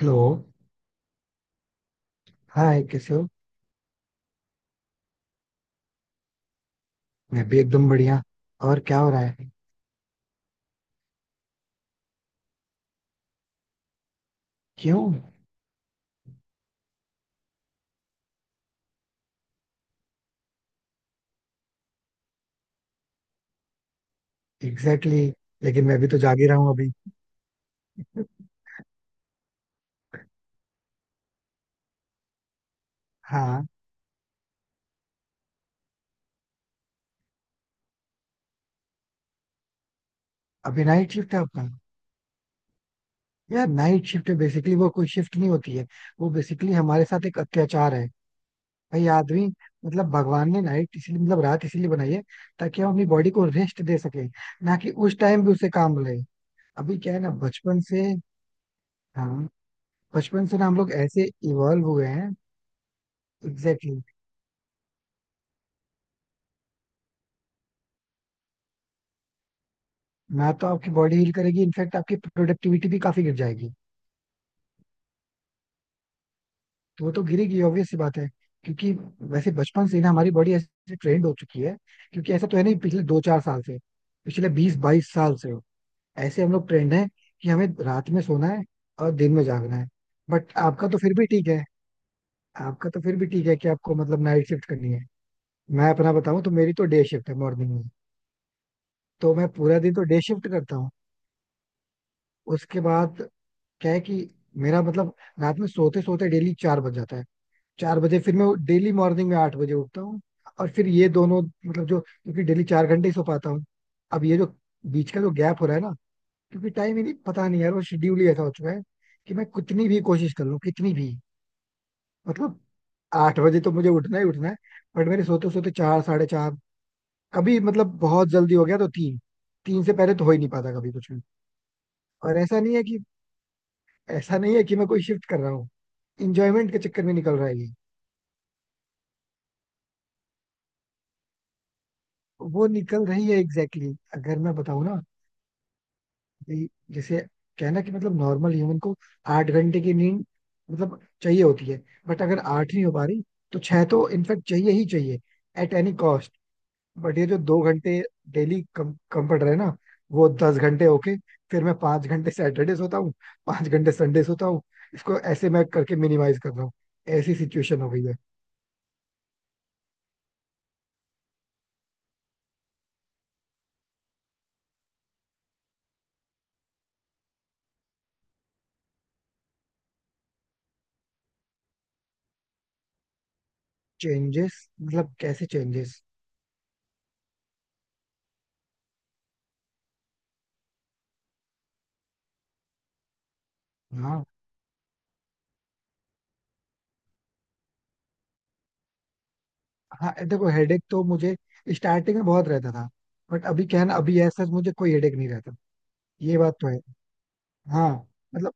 Hello. Hi, कैसे हो? मैं भी एकदम बढ़िया. और क्या हो रहा है? क्यों? एग्जैक्टली. लेकिन मैं भी तो जाग ही रहा हूँ अभी. हाँ. अभी नाइट शिफ्ट है आपका? यार, नाइट शिफ्ट है बेसिकली वो कोई शिफ्ट नहीं होती है. वो बेसिकली हमारे साथ एक अत्याचार है. भाई आदमी, मतलब भगवान ने नाइट इसलिए मतलब रात इसीलिए बनाई है ताकि हम अपनी बॉडी को रेस्ट दे सके. ना कि उस टाइम भी उसे काम रहे. अभी क्या है ना, बचपन से. हाँ. बचपन से ना हम लोग ऐसे इवॉल्व हुए हैं. एग्जैक्टली. ना तो आपकी बॉडी हील करेगी, इनफैक्ट आपकी प्रोडक्टिविटी भी काफी गिर जाएगी. तो वो तो गिरेगी, ऑब्वियस सी बात है. क्योंकि वैसे बचपन से ही ना हमारी बॉडी ऐसे ट्रेंड हो चुकी है. क्योंकि ऐसा तो है नहीं पिछले 2-4 साल से, पिछले 20-22 साल से ऐसे हम लोग ट्रेंड है कि हमें रात में सोना है और दिन में जागना है. बट आपका तो फिर भी ठीक है. आपका तो फिर भी ठीक है कि आपको मतलब नाइट शिफ्ट करनी है. मैं अपना बताऊं तो मेरी तो डे शिफ्ट है मॉर्निंग में. तो मैं पूरा दिन तो डे शिफ्ट करता हूँ. उसके बाद क्या है कि मेरा मतलब रात में सोते सोते डेली 4 बज जाता है. 4 बजे फिर मैं डेली मॉर्निंग में 8 बजे उठता हूँ. और फिर ये दोनों मतलब जो, क्योंकि डेली 4 घंटे ही सो पाता हूँ. अब ये जो बीच का जो गैप हो रहा है ना, क्योंकि टाइम ही नहीं, पता नहीं यार, वो शेड्यूल ही ऐसा हो चुका है कि मैं कितनी भी कोशिश कर लूँ, कितनी भी, मतलब 8 बजे तो मुझे उठना ही उठना है. बट मेरे सोते सोते चार, 4:30, कभी मतलब बहुत जल्दी हो गया तो 3. तीन से पहले तो हो ही नहीं पाता कभी कुछ भी. और ऐसा नहीं है कि ऐसा नहीं है कि मैं कोई शिफ्ट कर रहा हूँ, इंजॉयमेंट के चक्कर में निकल रहा है ये. वो निकल रही है, एग्जैक्टली. अगर मैं बताऊँ ना, ये जैसे कहना कि मतलब नॉर्मल ह्यूमन को 8 घंटे की नींद मतलब चाहिए होती है. बट अगर 8 नहीं हो पा रही तो 6 तो इनफेक्ट चाहिए ही चाहिए, एट एनी कॉस्ट. बट ये जो 2 घंटे डेली कम कम पड़ रहे हैं ना, वो 10 घंटे होके, फिर मैं 5 घंटे सैटरडे सोता हूँ, 5 घंटे संडे सोता हूँ. इसको ऐसे मैं करके मिनिमाइज कर रहा हूँ. ऐसी सिचुएशन हो गई है. चेंजेस मतलब कैसे चेंजेस? हाँ हाँ, देखो हेडेक तो मुझे स्टार्टिंग में बहुत रहता था. बट अभी क्या है ना, अभी ऐसा मुझे कोई हेडेक नहीं रहता. ये बात तो है. हाँ. मतलब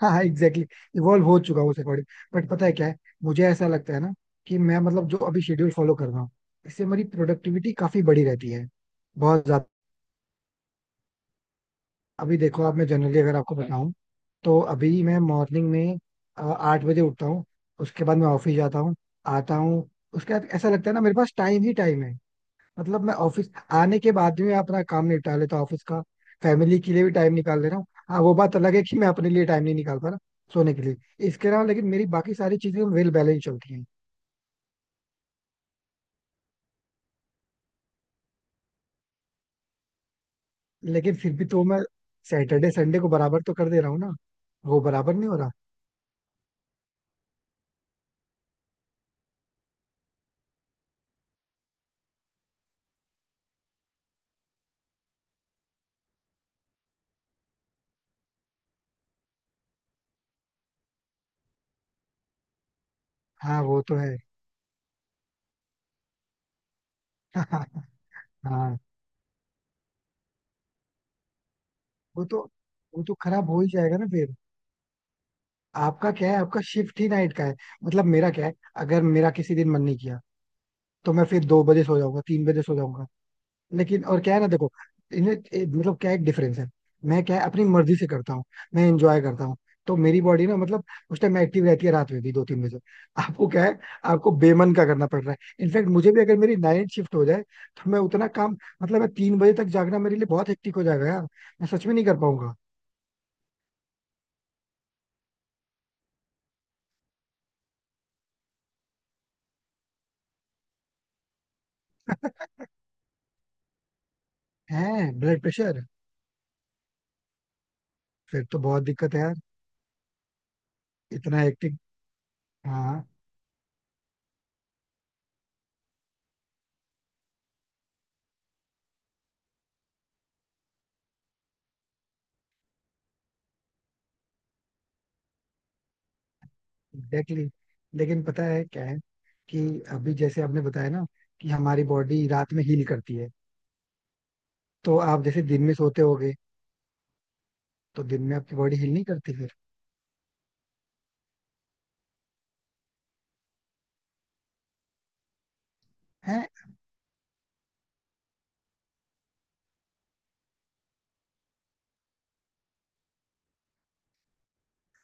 हाँ हाँ एग्जैक्टली, इवॉल्व हो चुका हूँ उस अकॉर्डिंग. बट पता है क्या है, मुझे ऐसा लगता है ना कि मैं मतलब जो अभी शेड्यूल फॉलो कर रहा हूँ, इससे मेरी प्रोडक्टिविटी काफी बड़ी रहती है, बहुत ज्यादा. अभी देखो आप, मैं जनरली अगर आपको बताऊं तो अभी मैं मॉर्निंग में 8 बजे उठता हूँ. उसके बाद मैं ऑफिस जाता हूँ, आता हूँ. उसके बाद ऐसा लगता है ना मेरे पास टाइम ही टाइम है. मतलब मैं ऑफिस आने के बाद भी मैं अपना काम निपटा लेता हूँ ऑफिस का. फैमिली के लिए भी टाइम निकाल ले रहा हूँ. हाँ वो बात अलग है कि मैं अपने लिए टाइम नहीं निकाल पा रहा सोने के लिए. इसके अलावा लेकिन मेरी बाकी सारी चीजें वेल बैलेंस चलती हैं. लेकिन फिर भी तो मैं सैटरडे संडे को बराबर तो कर दे रहा हूँ ना. वो बराबर नहीं हो रहा. हाँ वो तो है. हाँ. वो तो, वो तो खराब हो ही जाएगा ना फिर. आपका क्या है, आपका शिफ्ट ही नाइट का है. मतलब मेरा क्या है, अगर मेरा किसी दिन मन नहीं किया तो मैं फिर 2 बजे सो जाऊंगा, 3 बजे सो जाऊंगा. लेकिन और क्या है ना, देखो, मतलब क्या, एक डिफरेंस है. मैं क्या है, अपनी मर्जी से करता हूँ, मैं एंजॉय करता हूँ. तो मेरी बॉडी ना मतलब उस टाइम एक्टिव रहती है रात में भी, 2-3 बजे. आपको क्या है, आपको बेमन का करना पड़ रहा है. इनफैक्ट मुझे भी, अगर मेरी नाइट शिफ्ट हो जाए तो मैं उतना काम, मतलब मैं 3 बजे तक जागना मेरे लिए बहुत हेक्टिक हो जाएगा यार. मैं सच में नहीं कर पाऊंगा. है ब्लड प्रेशर? फिर तो बहुत दिक्कत है यार. इतना हेक्टिक. हाँ. एग्जैक्टली. लेकिन पता है क्या है, कि अभी जैसे आपने बताया ना कि हमारी बॉडी रात में हील करती है, तो आप जैसे दिन में सोते होगे, तो दिन में आपकी बॉडी हील नहीं करती फिर? है.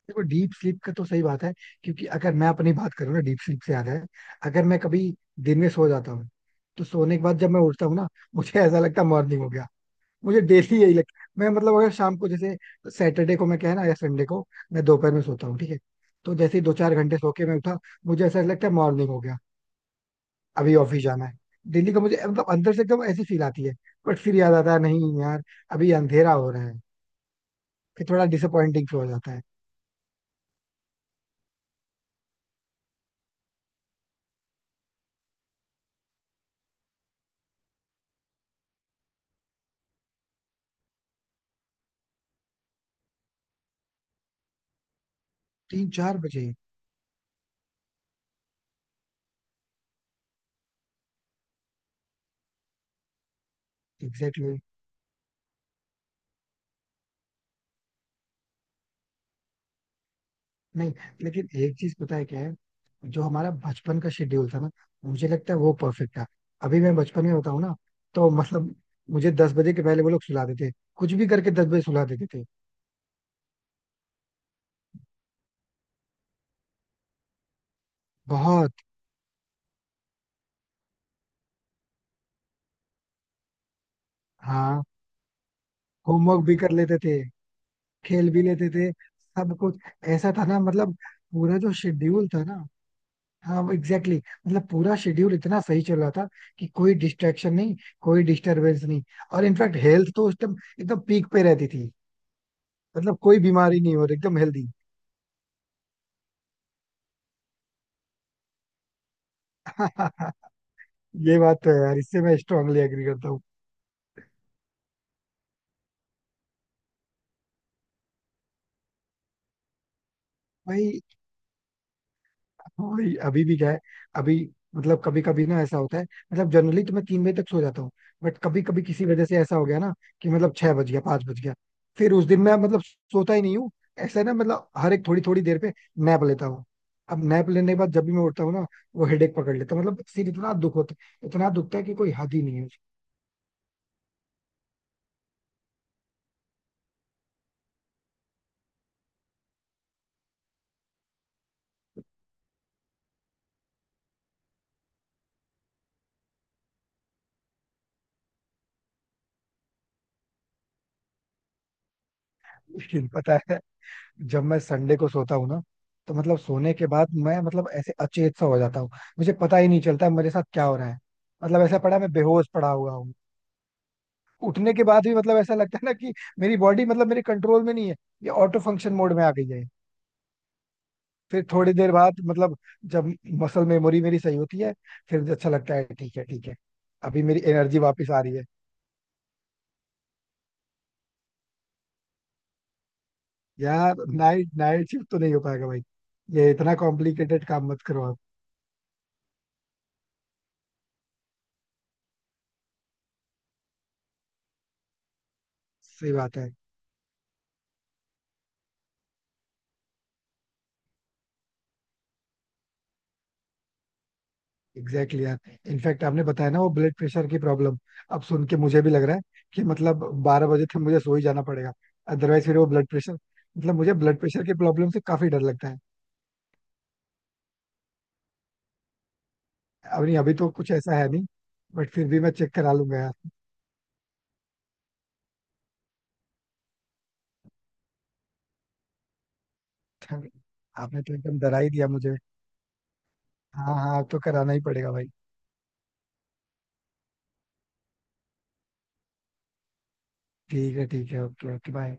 देखो डीप स्लीप का तो सही बात है, क्योंकि अगर मैं अपनी बात करूँ ना, डीप स्लीप से याद है, अगर मैं कभी दिन में सो जाता हूँ तो सोने के बाद जब मैं उठता हूँ ना, मुझे ऐसा लगता है मॉर्निंग हो गया. मुझे डेली यही लगता है. मैं मतलब अगर शाम को जैसे, सैटरडे को मैं क्या है ना, या संडे को मैं दोपहर में सोता हूँ ठीक है, तो जैसे ही 2-4 घंटे सो के मैं उठा, मुझे ऐसा लगता है मॉर्निंग हो गया, अभी ऑफिस जाना है. डेली का मुझे मतलब अंदर से एकदम ऐसी फील आती है. बट फिर याद आता है नहीं यार, अभी अंधेरा हो रहा है. फिर थोड़ा डिसअपॉइंटिंग हो जाता है. 3-4 बजे. एग्जैक्टली. नहीं लेकिन एक चीज पता है क्या है, जो हमारा बचपन का शेड्यूल था ना, मुझे लगता है वो परफेक्ट था. अभी मैं बचपन में बताऊँ ना, तो मतलब मुझे 10 बजे के पहले वो लोग सुला देते, कुछ भी करके 10 बजे सुला देते थे. बहुत. हाँ. होमवर्क भी कर लेते थे. खेल भी लेते थे. सब कुछ. ऐसा था ना, मतलब पूरा जो शेड्यूल था ना, हाँ एग्जैक्टली, मतलब पूरा शेड्यूल इतना सही चल रहा था कि कोई डिस्ट्रैक्शन नहीं, कोई डिस्टरबेंस नहीं. और इनफैक्ट हेल्थ तो उस टाइम एकदम पीक पे रहती थी, मतलब कोई बीमारी नहीं हो रही, एकदम हेल्दी. ये बात तो है यार, इससे मैं स्ट्रांगली एग्री करता हूँ. भाई. भाई अभी भी क्या है, अभी मतलब कभी कभी ना ऐसा होता है. मतलब जनरली तो मैं 3 बजे तक सो जाता हूँ, बट कभी कभी किसी वजह से ऐसा हो गया ना कि मतलब 6 बज गया, 5 बज गया, फिर उस दिन मैं मतलब सोता ही नहीं हूँ. ऐसा है ना मतलब हर एक थोड़ी थोड़ी देर पे नैप लेता हूँ. अब नैप लेने के बाद जब भी मैं उठता हूँ ना, वो हेडेक पकड़ लेता है. मतलब सिर इतना दुख होता है, इतना दुखता है कि कोई हद ही नहीं है. मुश्किल पता है, जब मैं संडे को सोता हूँ ना, तो मतलब सोने के बाद मैं मतलब ऐसे अचेत सा हो जाता हूँ. मुझे पता ही नहीं चलता मेरे साथ क्या हो रहा है. मतलब ऐसा पड़ा, मैं बेहोश पड़ा हुआ हूँ. उठने के बाद भी मतलब ऐसा लगता है ना कि मेरी बॉडी मतलब मेरे कंट्रोल में नहीं है, ये ऑटो फंक्शन मोड में आ गई है. फिर थोड़ी देर बाद मतलब जब मसल मेमोरी मेरी सही होती है, फिर अच्छा लगता है, ठीक है ठीक है, अभी मेरी एनर्जी वापस आ रही है. यार, नाइट नाइट शिफ्ट तो नहीं हो पाएगा भाई. ये इतना कॉम्प्लिकेटेड काम मत करो आप. सही बात है. एग्जैक्टली यार, इनफैक्ट आपने बताया ना वो ब्लड प्रेशर की प्रॉब्लम, अब सुन के मुझे भी लग रहा है कि मतलब 12 बजे तक मुझे सो ही जाना पड़ेगा. अदरवाइज फिर वो ब्लड प्रेशर, मतलब मुझे ब्लड प्रेशर की प्रॉब्लम से काफी डर लगता है. अब नहीं, अभी तो कुछ ऐसा है नहीं, बट फिर भी मैं चेक करा लूंगा यार. आपने तो एकदम डरा ही दिया मुझे. हाँ हाँ, अब तो कराना ही पड़ेगा भाई. ठीक है ठीक है. Okay okay bye.